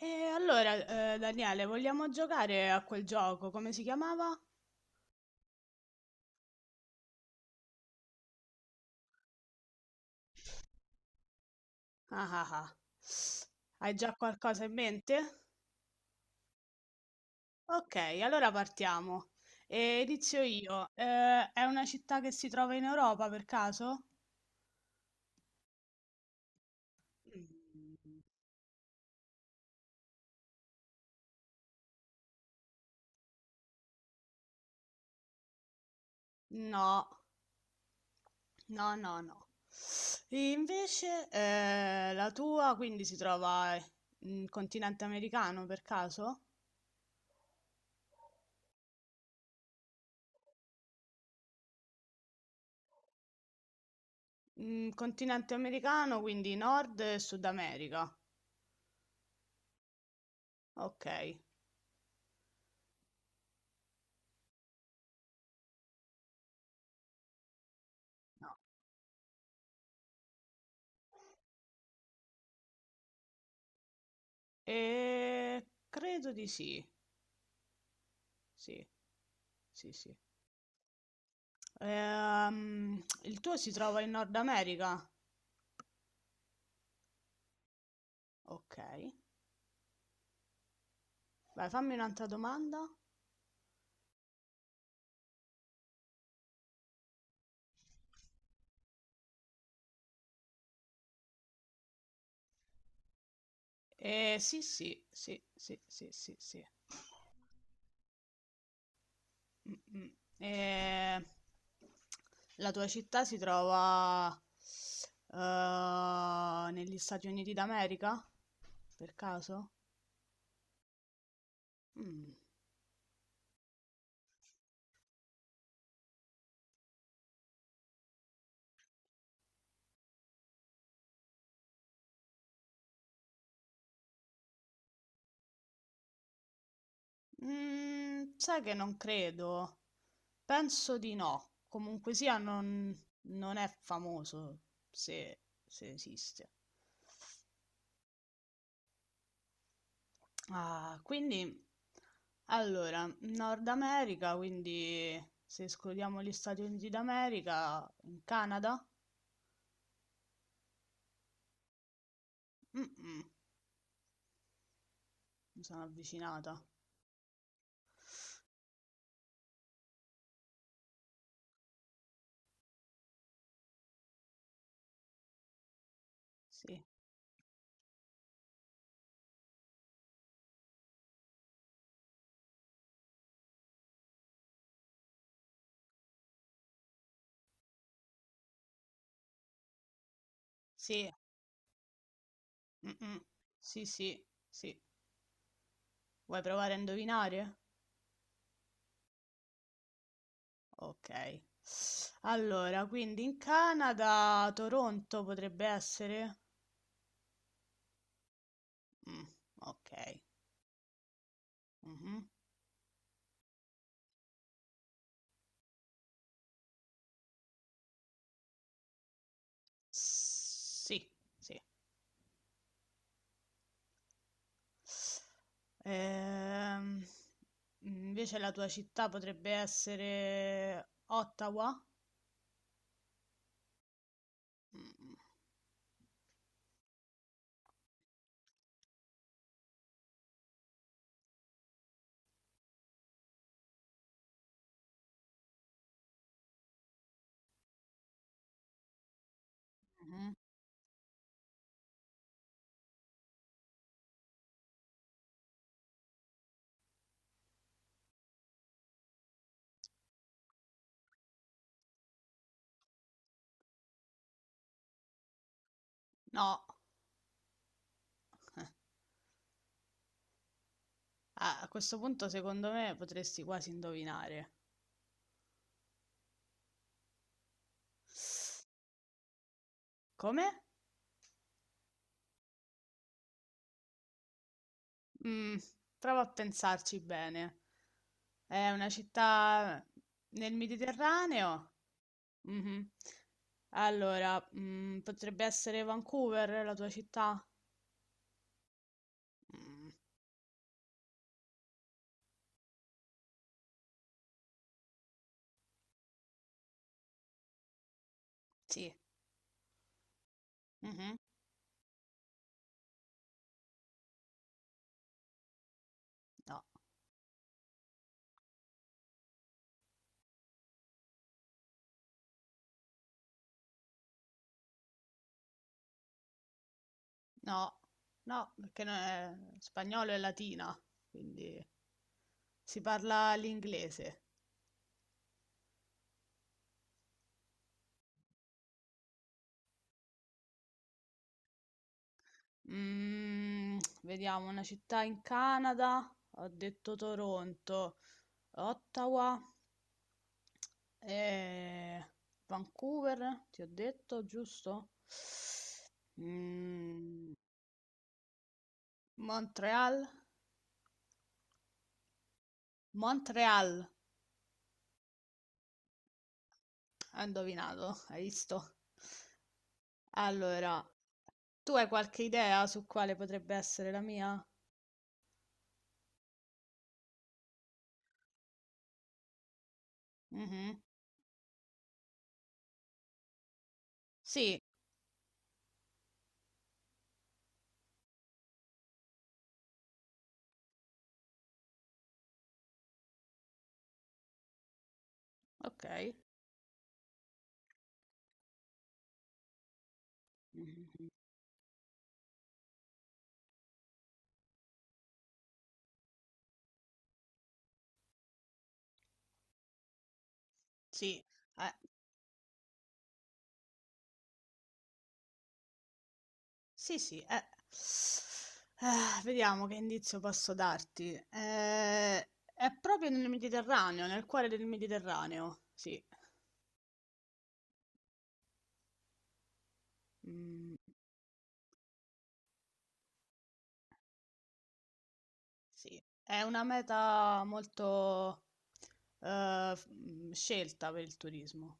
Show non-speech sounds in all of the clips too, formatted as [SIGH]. E allora, Daniele, vogliamo giocare a quel gioco? Come si chiamava? Ah ah ah. Hai già qualcosa in mente? Ok, allora partiamo. E inizio io. È una città che si trova in Europa per caso? Mm, no, no, no, no. E invece, la tua quindi si trova in continente americano per caso? Mm, continente americano, quindi Nord e Sud America. Okay. No. Ehm, Credo di sì. Sì. Sì, sì. Il tuo si trova in Nord America? Okay. Vai, fammi un'altra domanda. Sì, sì, sì, sì, sì, sì, sì. Mh-mh. Ehm, la tua città si trova, negli Stati Uniti d'America? Per caso? Mh. Mhmm, sai che non credo. Penso di no. Comunque sia non è famoso, se se esiste. Ah, quindi allora, Nord America, quindi se escludiamo gli Stati Uniti d'America, in Canada? Mh-mh, mi sono avvicinata. Sì, sì, mh-mh, sì, sì, sì. Vuoi provare a indovinare? Okay. Allora, quindi in Canada, Toronto potrebbe essere? Mh, okay. Mh-mh. Sì, sì. Ehm, Invece la tua città potrebbe essere Ottawa? Mh, mh-mh. No, a questo punto secondo me potresti quasi indovinare. Come? Mh, prova a pensarci bene. È una città nel Mediterraneo? Mhm. Allora, mm, potrebbe essere Vancouver la tua città? Mm, sì. Mhm. No, no, no, perché non è spagnolo è latina, quindi si parla l'inglese. Mm, vediamo, una città in Canada, ho detto Toronto, Ottawa, eh, Vancouver, ti ho detto, giusto? Mm, Montreal. Montréal, hai indovinato, hai visto? Allora, tu hai qualche idea su quale potrebbe essere la mia? Mhm. Sì, ok. Mhm. Sì, eh, sì, sì. Eh. Vediamo che indizio posso darti. È proprio nel Mediterraneo, nel cuore del Mediterraneo. Sì, mm, sì. È una meta molto scelta per il turismo.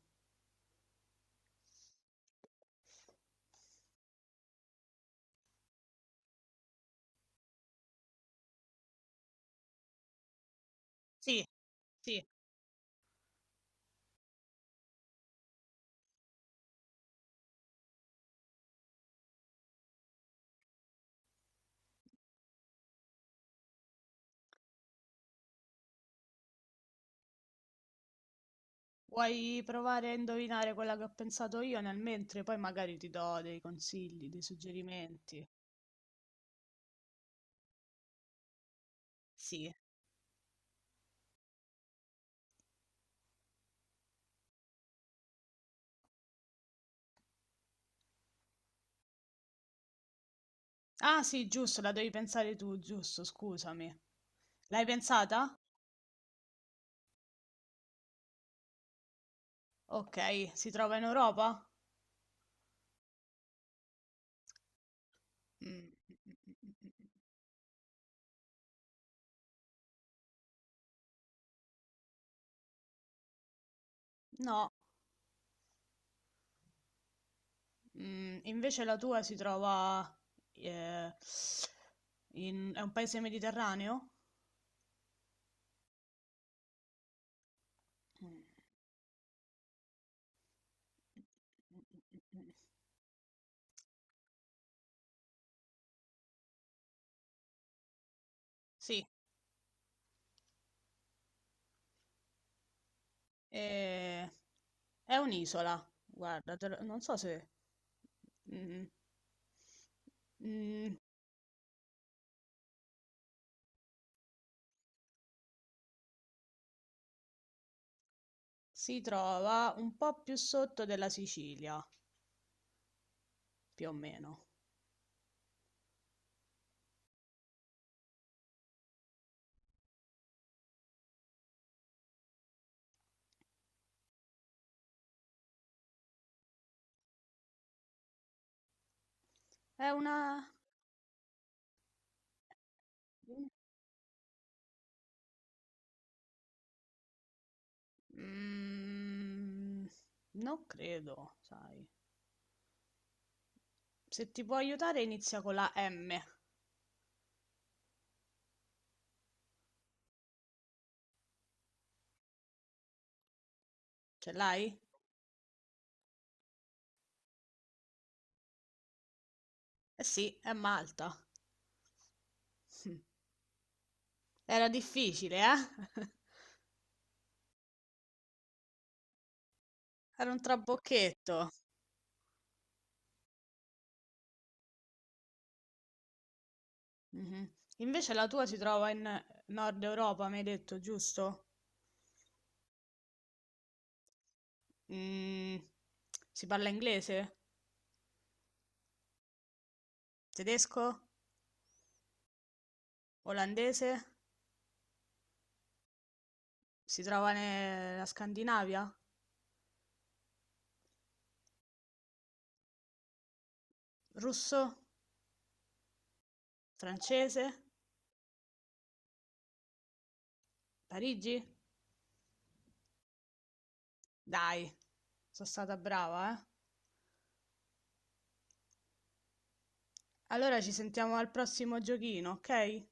Sì, sì. Vuoi provare a indovinare quella che ho pensato io nel mentre? Poi magari ti do dei consigli, dei suggerimenti. Sì. Ah, sì, giusto, la devi pensare tu, giusto, scusami. L'hai pensata? Ok, si trova in Europa? Mm, no, mm, invece la tua si trova eh, è un paese mediterraneo? Mm, mm, mm, mm, mm. Sì, eh, è un'isola, guarda, non so se... mm, mm, si trova un po' più sotto della Sicilia, più o meno. È una... Mm, non credo, sai. Se ti può aiutare inizia con la M. Ce l'hai? Eh sì, è Malta. [LAUGHS] Era difficile, eh? [LAUGHS] Era un trabocchetto. Mhm. Invece la tua si trova in Nord Europa, mi hai detto, giusto? Mm, si parla inglese, tedesco, olandese, si trova nella Scandinavia, russo, francese, Parigi? Dai, sono stata brava, eh? Allora ci sentiamo al prossimo giochino, ok?